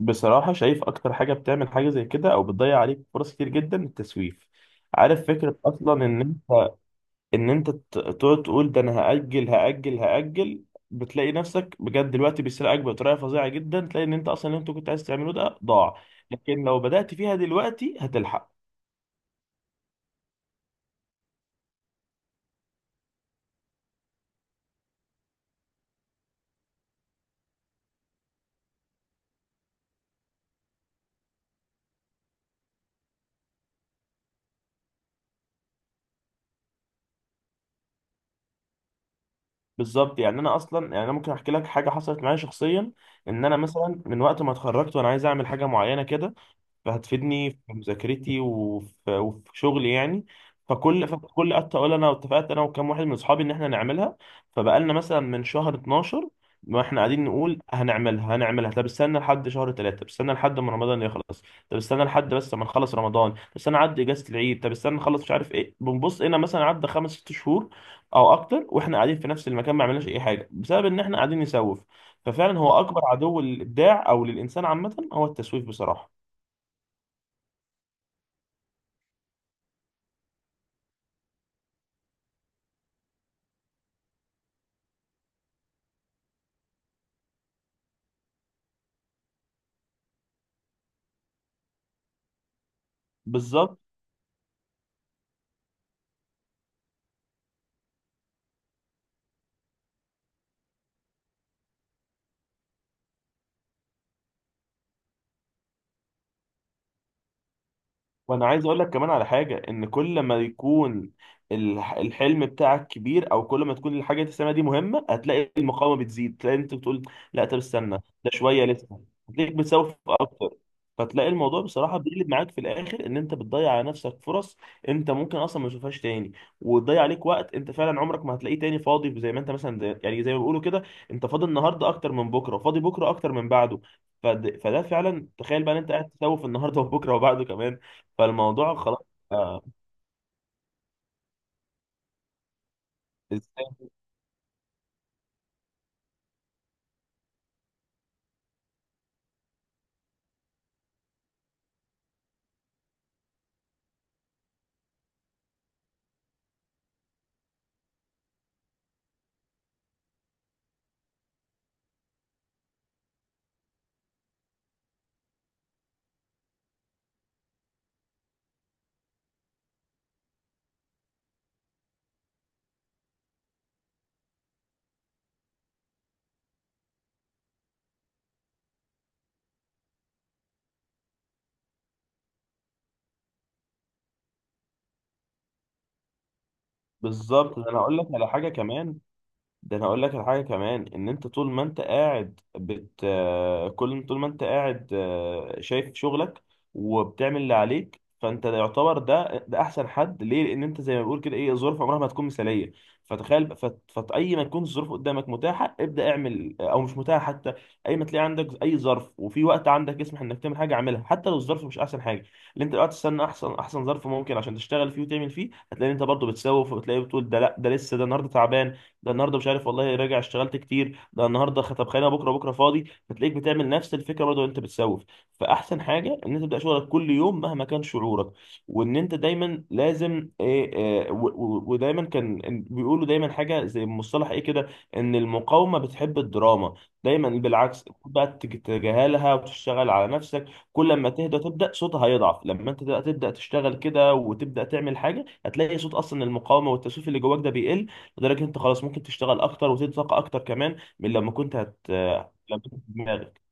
بصراحة شايف أكتر حاجة بتعمل حاجة زي كده أو بتضيع عليك فرص كتير جدا التسويف. عارف فكرة أصلا إن أنت، إن أنت تقعد تقول ده أنا هأجل هأجل هأجل. بتلاقي نفسك بجد الوقت بيسرقك بطريقة فظيعة جدا، تلاقي إن أنت أصلا اللي أنت كنت عايز تعمله ده ضاع. لكن لو بدأت فيها دلوقتي هتلحق. بالظبط، يعني أنا أصلا، يعني أنا ممكن أحكي لك حاجة حصلت معايا شخصيا. إن أنا مثلا من وقت ما اتخرجت وأنا عايز أعمل حاجة معينة كده، فهتفيدني في مذاكرتي وفي شغلي يعني. فكل قعدت اقول انا اتفقت انا وكام واحد من اصحابي ان احنا نعملها. فبقالنا مثلا من شهر 12، ما احنا قاعدين نقول هنعملها هنعملها، طب استنى لحد شهر 3، طب استنى لحد ما رمضان يخلص، طب استنى لحد بس ما نخلص رمضان، طب استنى عدى اجازة العيد، طب استنى نخلص مش عارف ايه. بنبص هنا مثلا عدى خمس ست شهور او اكتر، واحنا قاعدين في نفس المكان ما عملناش اي حاجه بسبب ان احنا قاعدين نسوف. ففعلا هو اكبر عدو للابداع او للانسان عامه هو التسويف بصراحه. بالظبط. وانا عايز اقول لك كمان على حاجه، ان كل ما يكون الحلم بتاعك كبير، او كل ما تكون الحاجه اللي تسميها دي مهمه، هتلاقي المقاومه بتزيد. تلاقي انت بتقول لا طب استنى، ده شويه لسه. هتلاقيك بتسوف اكتر. فتلاقي الموضوع بصراحه بيقلب معاك في الاخر، ان انت بتضيع على نفسك فرص انت ممكن اصلا ما تشوفهاش تاني، وتضيع عليك وقت انت فعلا عمرك ما هتلاقيه تاني فاضي. زي ما انت مثلا يعني زي ما بيقولوا كده، انت فاضي النهارده اكتر من بكره، وفاضي بكره اكتر من بعده. فده فعلا، تخيل بقى ان انت قاعد تسوف النهارده وبكره وبعده كمان. فالموضوع خلاص. آه، ازاي؟ بالظبط. ده انا اقول لك على حاجه كمان، ده انا اقول لك الحاجه كمان، ان انت طول ما انت قاعد بت آه، كل طول ما انت قاعد، شايف شغلك وبتعمل اللي عليك، فانت ده يعتبر، ده ده احسن حد ليه، لان انت زي ما بيقول كده ايه، الظروف عمرها ما تكون مثاليه. فتخيل، فاي ما تكون الظروف قدامك متاحه ابدا اعمل، او مش متاحه حتى، اي ما تلاقي عندك اي ظرف وفي وقت عندك يسمح انك تعمل حاجه، اعملها حتى لو الظرف مش احسن حاجه. اللي انت دلوقتي تستنى احسن احسن ظرف ممكن عشان تشتغل فيه وتعمل فيه، هتلاقي إن انت برضه بتسوف، وبتلاقي بتقول ده لا ده لسه، ده النهارده تعبان، ده النهارده مش عارف والله راجع اشتغلت كتير، ده النهارده خطب خانه، بكره بكره فاضي، فتلاقيك بتعمل نفس الفكره برضه وانت بتسوف. فاحسن حاجه ان انت تبدا شغلك كل يوم مهما كان شعورك. وان انت دايما لازم ايه، آه، و- و- ودايما كان بيقولوا دايما حاجه زي مصطلح ايه كده، ان المقاومه بتحب الدراما. دايما بالعكس خد بقى تتجاهلها وتشتغل على نفسك. كل ما تهدى تبدا صوتها هيضعف. لما انت تبدأ تشتغل كده وتبدا تعمل حاجه، هتلاقي صوت اصلا المقاومه والتسويف اللي جواك ده بيقل، لدرجه إن انت خلاص ممكن تشتغل اكتر وتزيد طاقه اكتر كمان من لما كنت هت، لما كنت في دماغك.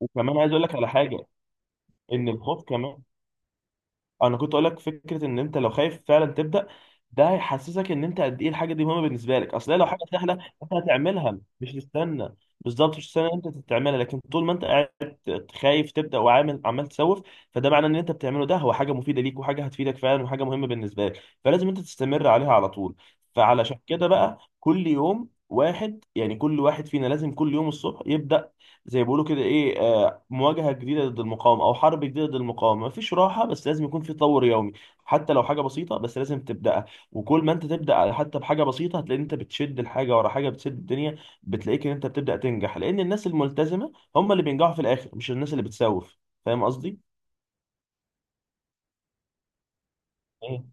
وكمان عايز اقول لك على حاجه، ان الخوف كمان، انا كنت اقول لك فكره، ان انت لو خايف فعلا تبدا، ده هيحسسك ان انت قد ايه الحاجه دي مهمه بالنسبه لك. اصل هي لو حاجه سهله انت هتعملها مش تستنى. بالظبط مش تستنى إن انت تعملها، لكن طول ما انت قاعد خايف تبدا وعامل عمال تسوف، فده معناه ان انت بتعمله ده هو حاجه مفيده ليك وحاجه هتفيدك فعلا وحاجه مهمه بالنسبه لك، فلازم انت تستمر عليها على طول. فعلشان كده بقى كل يوم واحد، يعني كل واحد فينا لازم كل يوم الصبح يبدا زي ما بيقولوا كده ايه، مواجهة جديدة ضد المقاومة أو حرب جديدة ضد المقاومة. مفيش راحة، بس لازم يكون في تطور يومي. حتى لو حاجة بسيطة بس لازم تبدأها. وكل ما أنت تبدأ حتى بحاجة بسيطة، هتلاقي إن أنت بتشد الحاجة ورا حاجة بتسد الدنيا. بتلاقيك إن أنت بتبدأ تنجح، لأن الناس الملتزمة هم اللي بينجحوا في الآخر، مش الناس اللي بتسوف. فاهم قصدي؟ إيه.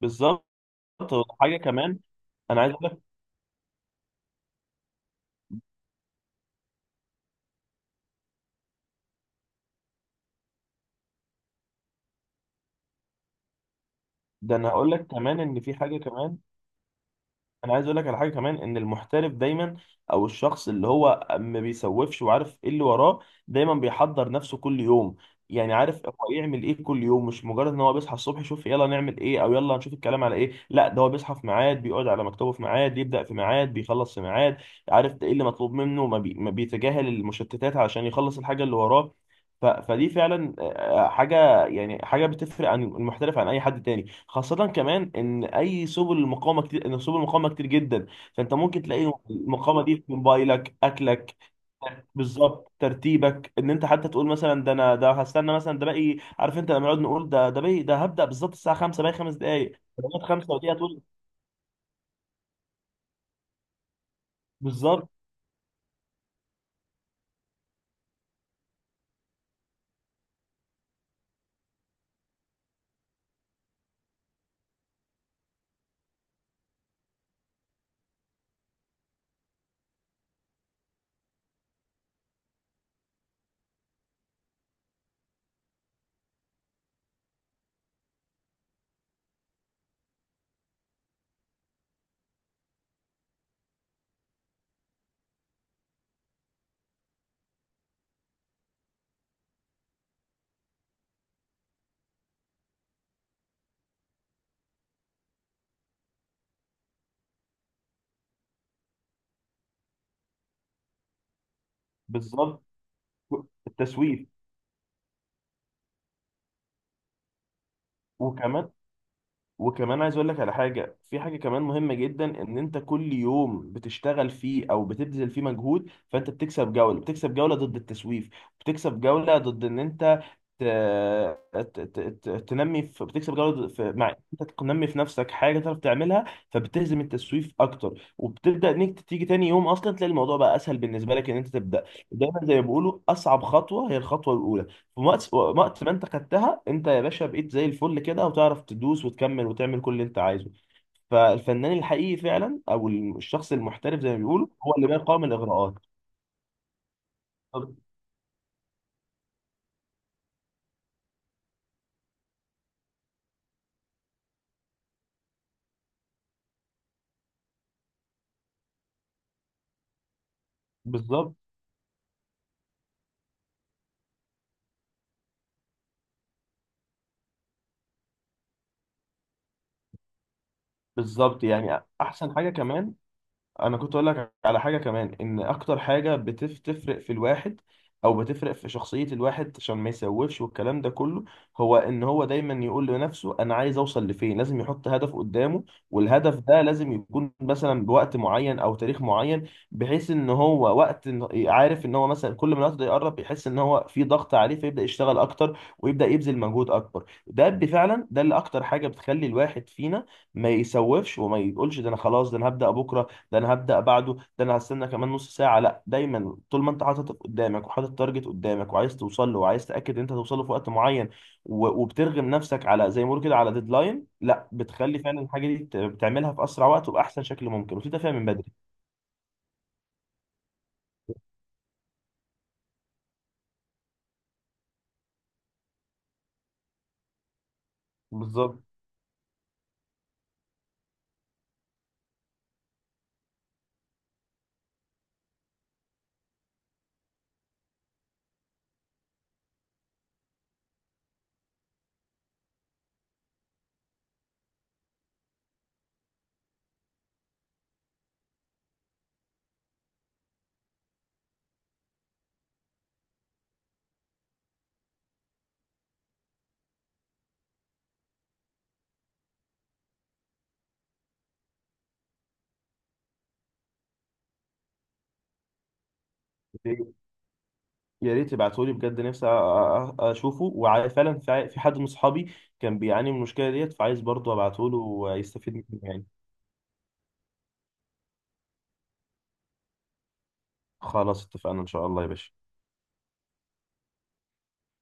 بالظبط. حاجة كمان أنا عايز أقول لك، ده أنا هقول لك كمان إن في حاجة كمان. انا عايز اقول لك على حاجه كمان، ان المحترف دايما، او الشخص اللي هو ما بيسوفش وعارف ايه اللي وراه، دايما بيحضر نفسه كل يوم. يعني عارف هو يعمل ايه كل يوم، مش مجرد ان هو بيصحى الصبح يشوف يلا نعمل ايه او يلا نشوف الكلام على ايه، لا، ده هو بيصحى في ميعاد، بيقعد على مكتبه في ميعاد، يبدا في ميعاد، بيخلص في ميعاد. عارف ده ايه اللي مطلوب منه. ما بيتجاهل المشتتات علشان يخلص الحاجه اللي وراه. فدي فعلا، حاجه يعني، حاجه بتفرق عن المحترف عن اي حد تاني، خاصه كمان ان اي سبل المقاومه كتير، ان سبل المقاومه كتير جدا. فانت ممكن تلاقي المقاومه دي في موبايلك، اكلك، بالظبط، ترتيبك، ان انت حتى تقول مثلا ده انا ده هستنى مثلا ده باقي، عارف انت لما نقعد نقول ده ده باقي ده هبدا بالظبط الساعه 5، باقي خمس دقائق لغايه 5 ودقيقه تقول. بالظبط. بالظبط. التسويف. وكمان وكمان عايز اقول لك على حاجه، في حاجه كمان مهمه جدا، ان انت كل يوم بتشتغل فيه او بتبذل فيه مجهود، فانت بتكسب جوله، بتكسب جوله ضد التسويف، بتكسب جوله ضد ان انت ت... تنمي بتكسب جوله في، مع انت تنمي في نفسك حاجه تعرف تعملها. فبتهزم التسويف اكتر، وبتبدا انك تيجي تاني يوم اصلا تلاقي الموضوع بقى اسهل بالنسبه لك ان انت تبدا. دايما زي ما بيقولوا اصعب خطوه هي الخطوه الاولى. في وقت ما انت خدتها انت يا باشا، بقيت زي الفل كده، وتعرف تدوس وتكمل وتعمل كل اللي انت عايزه. فالفنان الحقيقي فعلا، او الشخص المحترف زي ما بيقولوا، هو اللي ما يقاوم الاغراءات. طب. بالظبط. بالظبط يعني احسن حاجه كمان، انا كنت اقول لك على حاجه كمان، ان اكتر حاجه بتفرق في الواحد او بتفرق في شخصيه الواحد عشان ما يسوفش والكلام ده كله، هو ان هو دايما يقول لنفسه انا عايز اوصل لفين، لازم يحط هدف قدامه. والهدف ده لازم يكون مثلا بوقت معين او تاريخ معين، بحيث ان هو وقت عارف ان هو مثلا كل ما الوقت ده يقرب يحس ان هو في ضغط عليه فيبدا يشتغل اكتر ويبدا يبذل مجهود اكبر. ده بفعلا ده اللي اكتر حاجه بتخلي الواحد فينا ما يسوفش وما يقولش ده انا خلاص ده انا هبدا بكره، ده انا هبدا بعده، ده انا هستنى كمان نص ساعه. لا، دايما طول ما انت حاطط قدامك وحاطط تارجت قدامك وعايز توصل له وعايز تاكد ان انت توصل له في وقت معين، وبترغم نفسك على زي ما بيقولوا كده على ديدلاين، لا، بتخلي فعلا الحاجه دي بتعملها في اسرع وقت وباحسن شكل ممكن وفي تفاهم من بدري. بالظبط. يا ريت تبعتهولي بجد، نفسي اشوفه، وفعلا في حد من اصحابي كان بيعاني من المشكله ديت، فعايز برضه ابعتهوله ويستفيد منه يعني. خلاص اتفقنا ان شاء الله يا باشا.